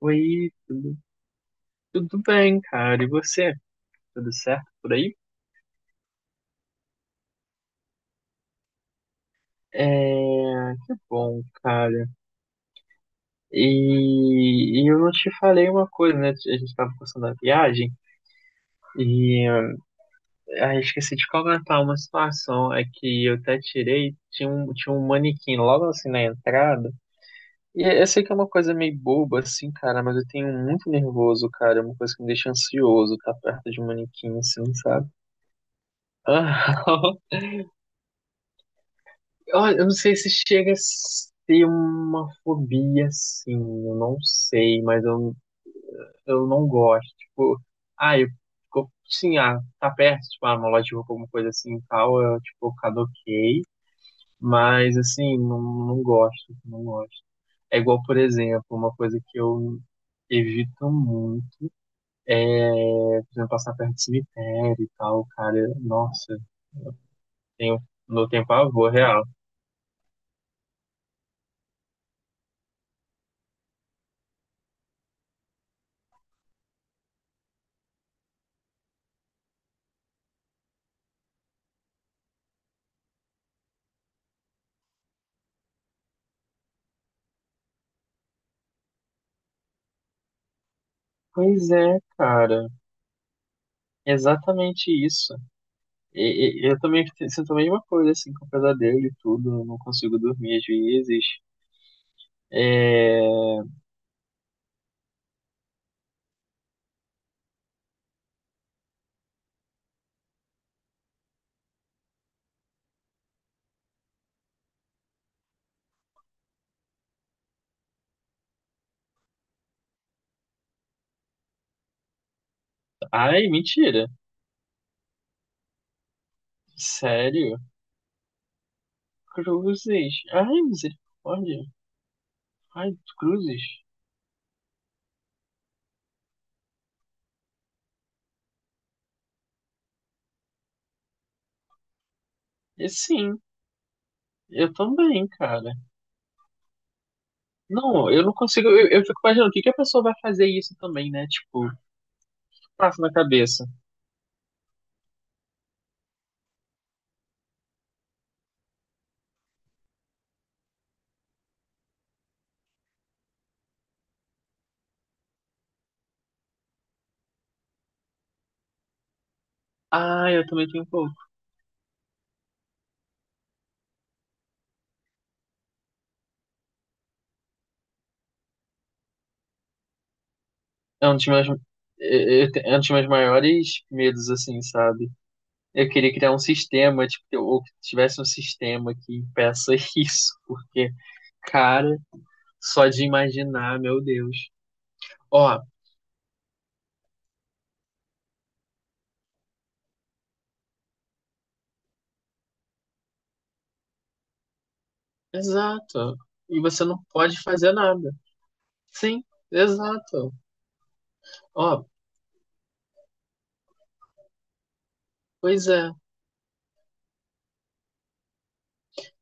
Oi, tudo bem, cara? E você? Tudo certo por aí? É, que bom, cara. E eu não te falei uma coisa, né? A gente tava passando a viagem e esqueci de comentar uma situação. É que eu até tirei, tinha um manequim logo assim na entrada. E eu sei que é uma coisa meio boba, assim, cara, mas eu tenho muito nervoso, cara. É uma coisa que me deixa ansioso estar perto de um manequim, assim, sabe? Olha, eu não sei se chega a ser uma fobia, assim, eu não sei, mas eu não gosto. Tipo, eu fico, sim, ah, tá perto, tipo, ah, uma loja de roupa, alguma coisa assim e tal, eu, tipo, caduquei, mas, assim, não gosto, não gosto. É igual, por exemplo, uma coisa que eu evito muito é, por exemplo, passar perto de cemitério e tal, cara, nossa, tenho, não tenho pavor real. Pois é, cara. Exatamente isso. Eu também te- sinto a mesma coisa, assim, com pesadelo e tudo, eu não consigo dormir às vezes. É... Ai, mentira. Sério? Cruzes. Ai, misericórdia. Ai, cruzes. E sim, eu também, cara. Não, eu não consigo. Eu fico imaginando o que que a pessoa vai fazer isso também, né? Tipo, o que passa na cabeça. Ah, eu também tenho um pouco. É um dos meus, é um dos meus maiores medos, assim, sabe? Eu queria criar um sistema, tipo, ou que tivesse um sistema que impeça isso, porque, cara, só de imaginar, meu Deus. Ó, exato. E você não pode fazer nada. Sim, exato. Ó, pois é.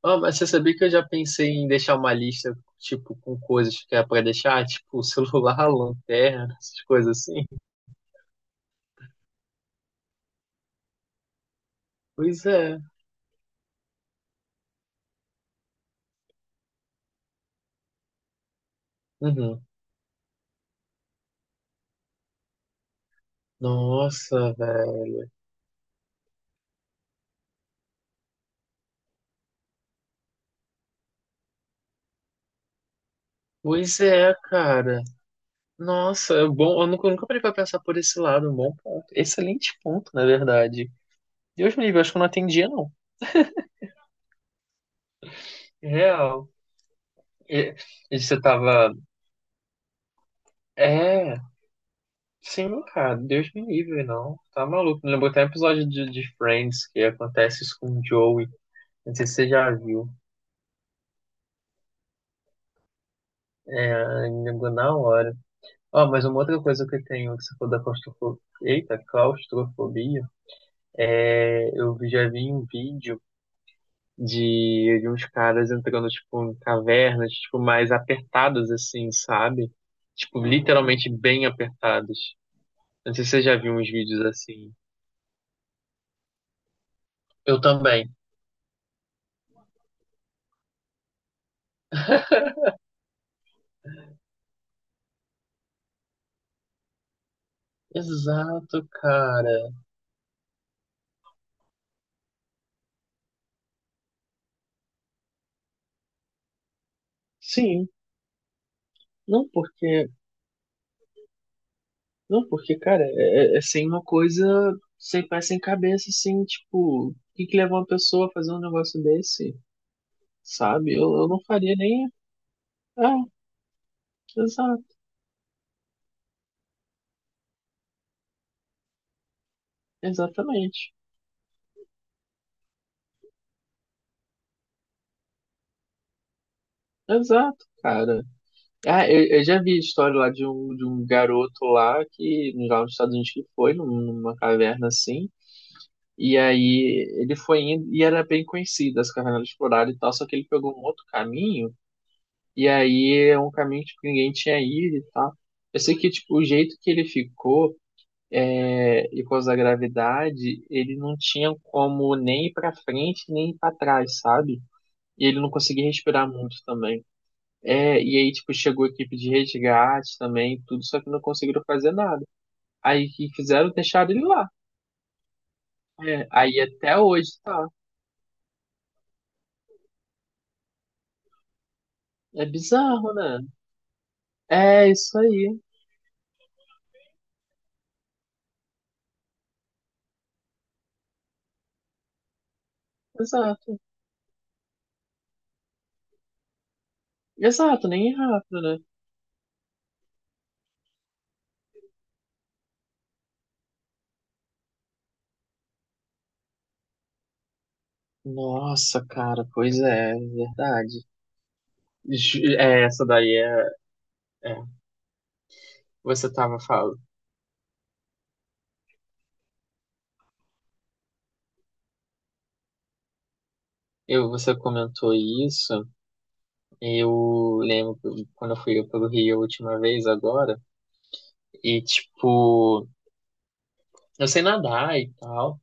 Ó, mas você sabia que eu já pensei em deixar uma lista, tipo, com coisas que é pra deixar, tipo, celular, lanterna, essas coisas assim? Pois é. Uhum. Nossa, velho. Pois é, cara. Nossa, bom, eu nunca parei pra pensar por esse lado, um bom ponto. Excelente ponto, na verdade. Deus me livre, acho que eu não atendia, não. Real. E, e você tava. É, sim, cara, Deus me livre, não. Tá maluco. Me lembrou até um episódio de Friends que acontece isso com o Joey. Não sei se você já viu. É, me lembrou na hora. Ó, mas uma outra coisa que eu tenho, que você falou da claustrofobia. Eita, claustrofobia. É, eu já vi um vídeo de uns caras entrando, tipo, em cavernas, tipo, mais apertadas, assim, sabe? Tipo, literalmente bem apertadas. Não sei se você já viu uns vídeos assim. Eu também. Exato, cara. Sim. Não porque, não porque, cara, é, é sem uma coisa sem pé sem cabeça, assim, tipo, o que que leva uma pessoa a fazer um negócio desse, sabe? Eu não faria nem. Ah, exato, exatamente. Exato, cara. Ah, eu já vi a história lá de um garoto lá que, lá nos Estados Unidos que foi, numa caverna assim, e aí ele foi indo, e era bem conhecida essa caverna era explorada e tal, só que ele pegou um outro caminho, e aí é um caminho tipo, que ninguém tinha ido e tal. Eu sei que, tipo, o jeito que ele ficou, é, e por causa da gravidade, ele não tinha como nem ir pra frente, nem ir pra trás, sabe? E ele não conseguia respirar muito também. É, e aí, tipo, chegou a equipe de resgate também, tudo, só que não conseguiram fazer nada. Aí, o que fizeram? Deixaram ele lá. É, aí, até hoje, tá. É bizarro, né? É, isso aí. Exato. Exato, nem é rápido, né? Nossa, cara, pois é, é verdade. Ju- É, essa daí é, é. Você tava falando. Eu, você comentou isso. Eu lembro que quando eu fui pelo Rio a última vez agora. E, tipo, eu sei nadar e tal.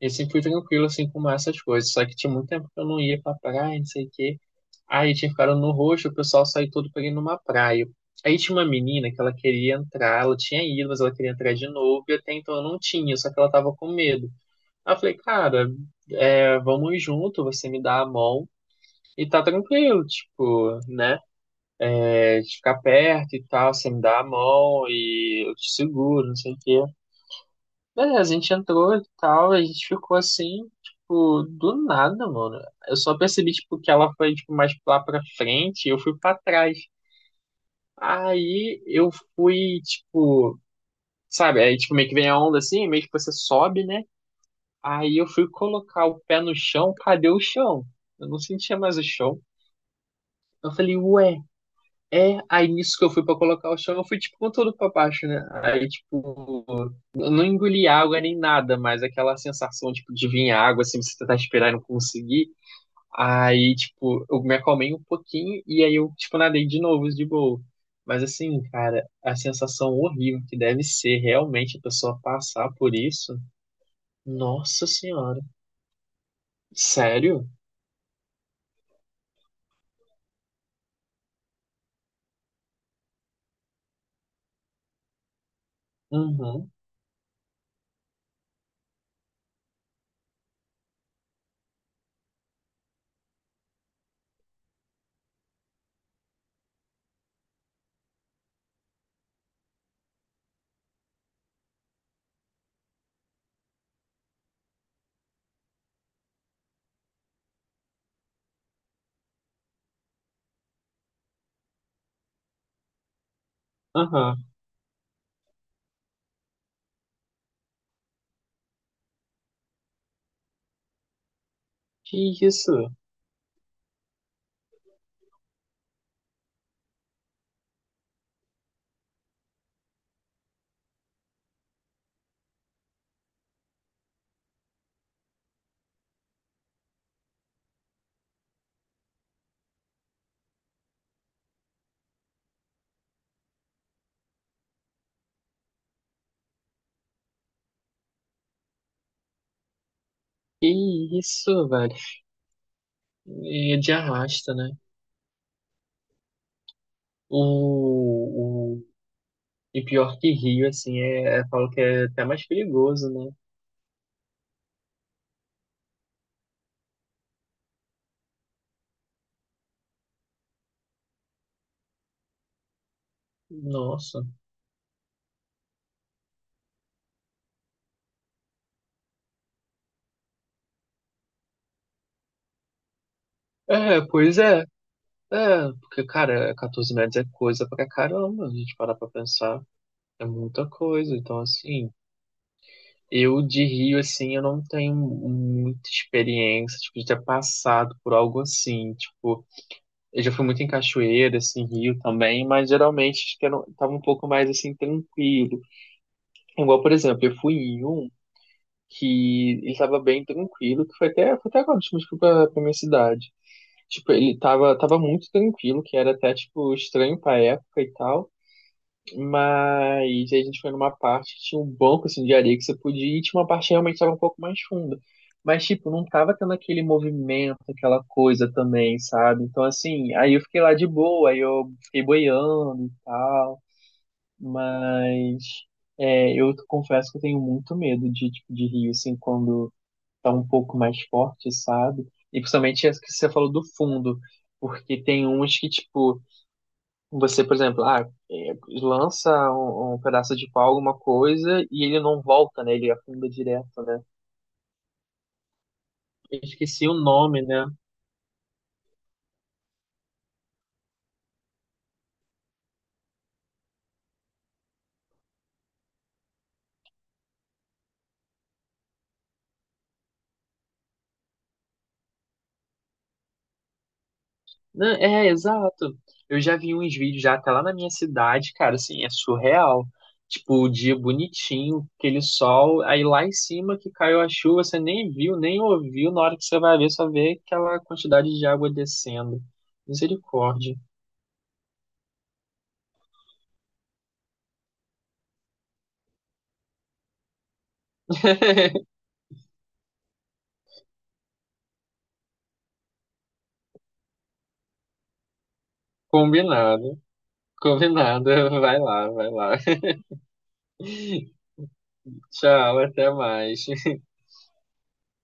E sempre fui tranquilo, assim, com essas coisas. Só que tinha muito tempo que eu não ia pra praia, não sei o quê. Aí tinha ficado no roxo, o pessoal saiu todo pra ir numa praia. Aí tinha uma menina que ela queria entrar, ela tinha ido, mas ela queria entrar de novo, e até então eu não tinha, só que ela tava com medo. Aí eu falei, cara, é, vamos junto, você me dá a mão e tá tranquilo, tipo, né? É, de ficar perto e tal, você me dá a mão e eu te seguro, não sei o quê. Beleza, a gente entrou e tal, a gente ficou assim, tipo, do nada, mano. Eu só percebi, tipo, que ela foi, tipo, mais lá pra frente e eu fui pra trás. Aí eu fui, tipo, sabe, aí, tipo, meio que vem a onda assim, meio que você sobe, né? Aí eu fui colocar o pé no chão, cadê o chão? Eu não sentia mais o chão. Eu falei, ué, é? Aí nisso que eu fui pra colocar o chão, eu fui, tipo, com tudo pra baixo, né? Aí, tipo, eu não engoli água nem nada, mas aquela sensação, tipo, de vir água, assim, você tentar esperar e não conseguir. Aí, tipo, eu me acalmei um pouquinho e aí eu, tipo, nadei de novo, de boa. Mas assim, cara, a sensação horrível que deve ser realmente a pessoa passar por isso. Nossa senhora. Sério? Uhum, aham. Que isso? Que isso, velho? É de arrasta, né? O, o... E pior que Rio, assim, falo que é até mais perigoso, né? Nossa. É, pois é. É, porque, cara, 14 metros é coisa pra caramba, a gente parar pra pensar. É muita coisa. Então, assim, eu de Rio, assim, eu não tenho muita experiência, tipo, de ter passado por algo assim. Tipo, eu já fui muito em cachoeira, assim, Rio também, mas geralmente acho que eu não, tava um pouco mais, assim, tranquilo. Igual, por exemplo, eu fui em um. Que ele tava bem tranquilo, que foi até agora, tipo, tipo pra, pra minha cidade. Tipo, tava muito tranquilo, que era até, tipo, estranho pra época e tal. Mas aí a gente foi numa parte que tinha um banco, assim, de areia que você podia ir, e tinha uma parte que realmente tava um pouco mais funda. Mas, tipo, não tava tendo aquele movimento, aquela coisa também, sabe? Então, assim, aí eu fiquei lá de boa, aí eu fiquei boiando e tal. Mas é, eu confesso que eu tenho muito medo de, tipo, de rio, assim, quando tá um pouco mais forte, sabe? E principalmente as que você falou do fundo, porque tem uns que, tipo, você, por exemplo, ah, é, lança um pedaço de pau, alguma coisa, e ele não volta, né? Ele afunda direto, né? Eu esqueci o nome, né? Não, é, exato. Eu já vi uns vídeos já até lá na minha cidade, cara, assim, é surreal. Tipo, o dia bonitinho, aquele sol, aí lá em cima que caiu a chuva, você nem viu, nem ouviu, na hora que você vai ver, só vê aquela quantidade de água descendo. Misericórdia. Combinado, combinado. Vai lá, vai lá. Tchau, até mais.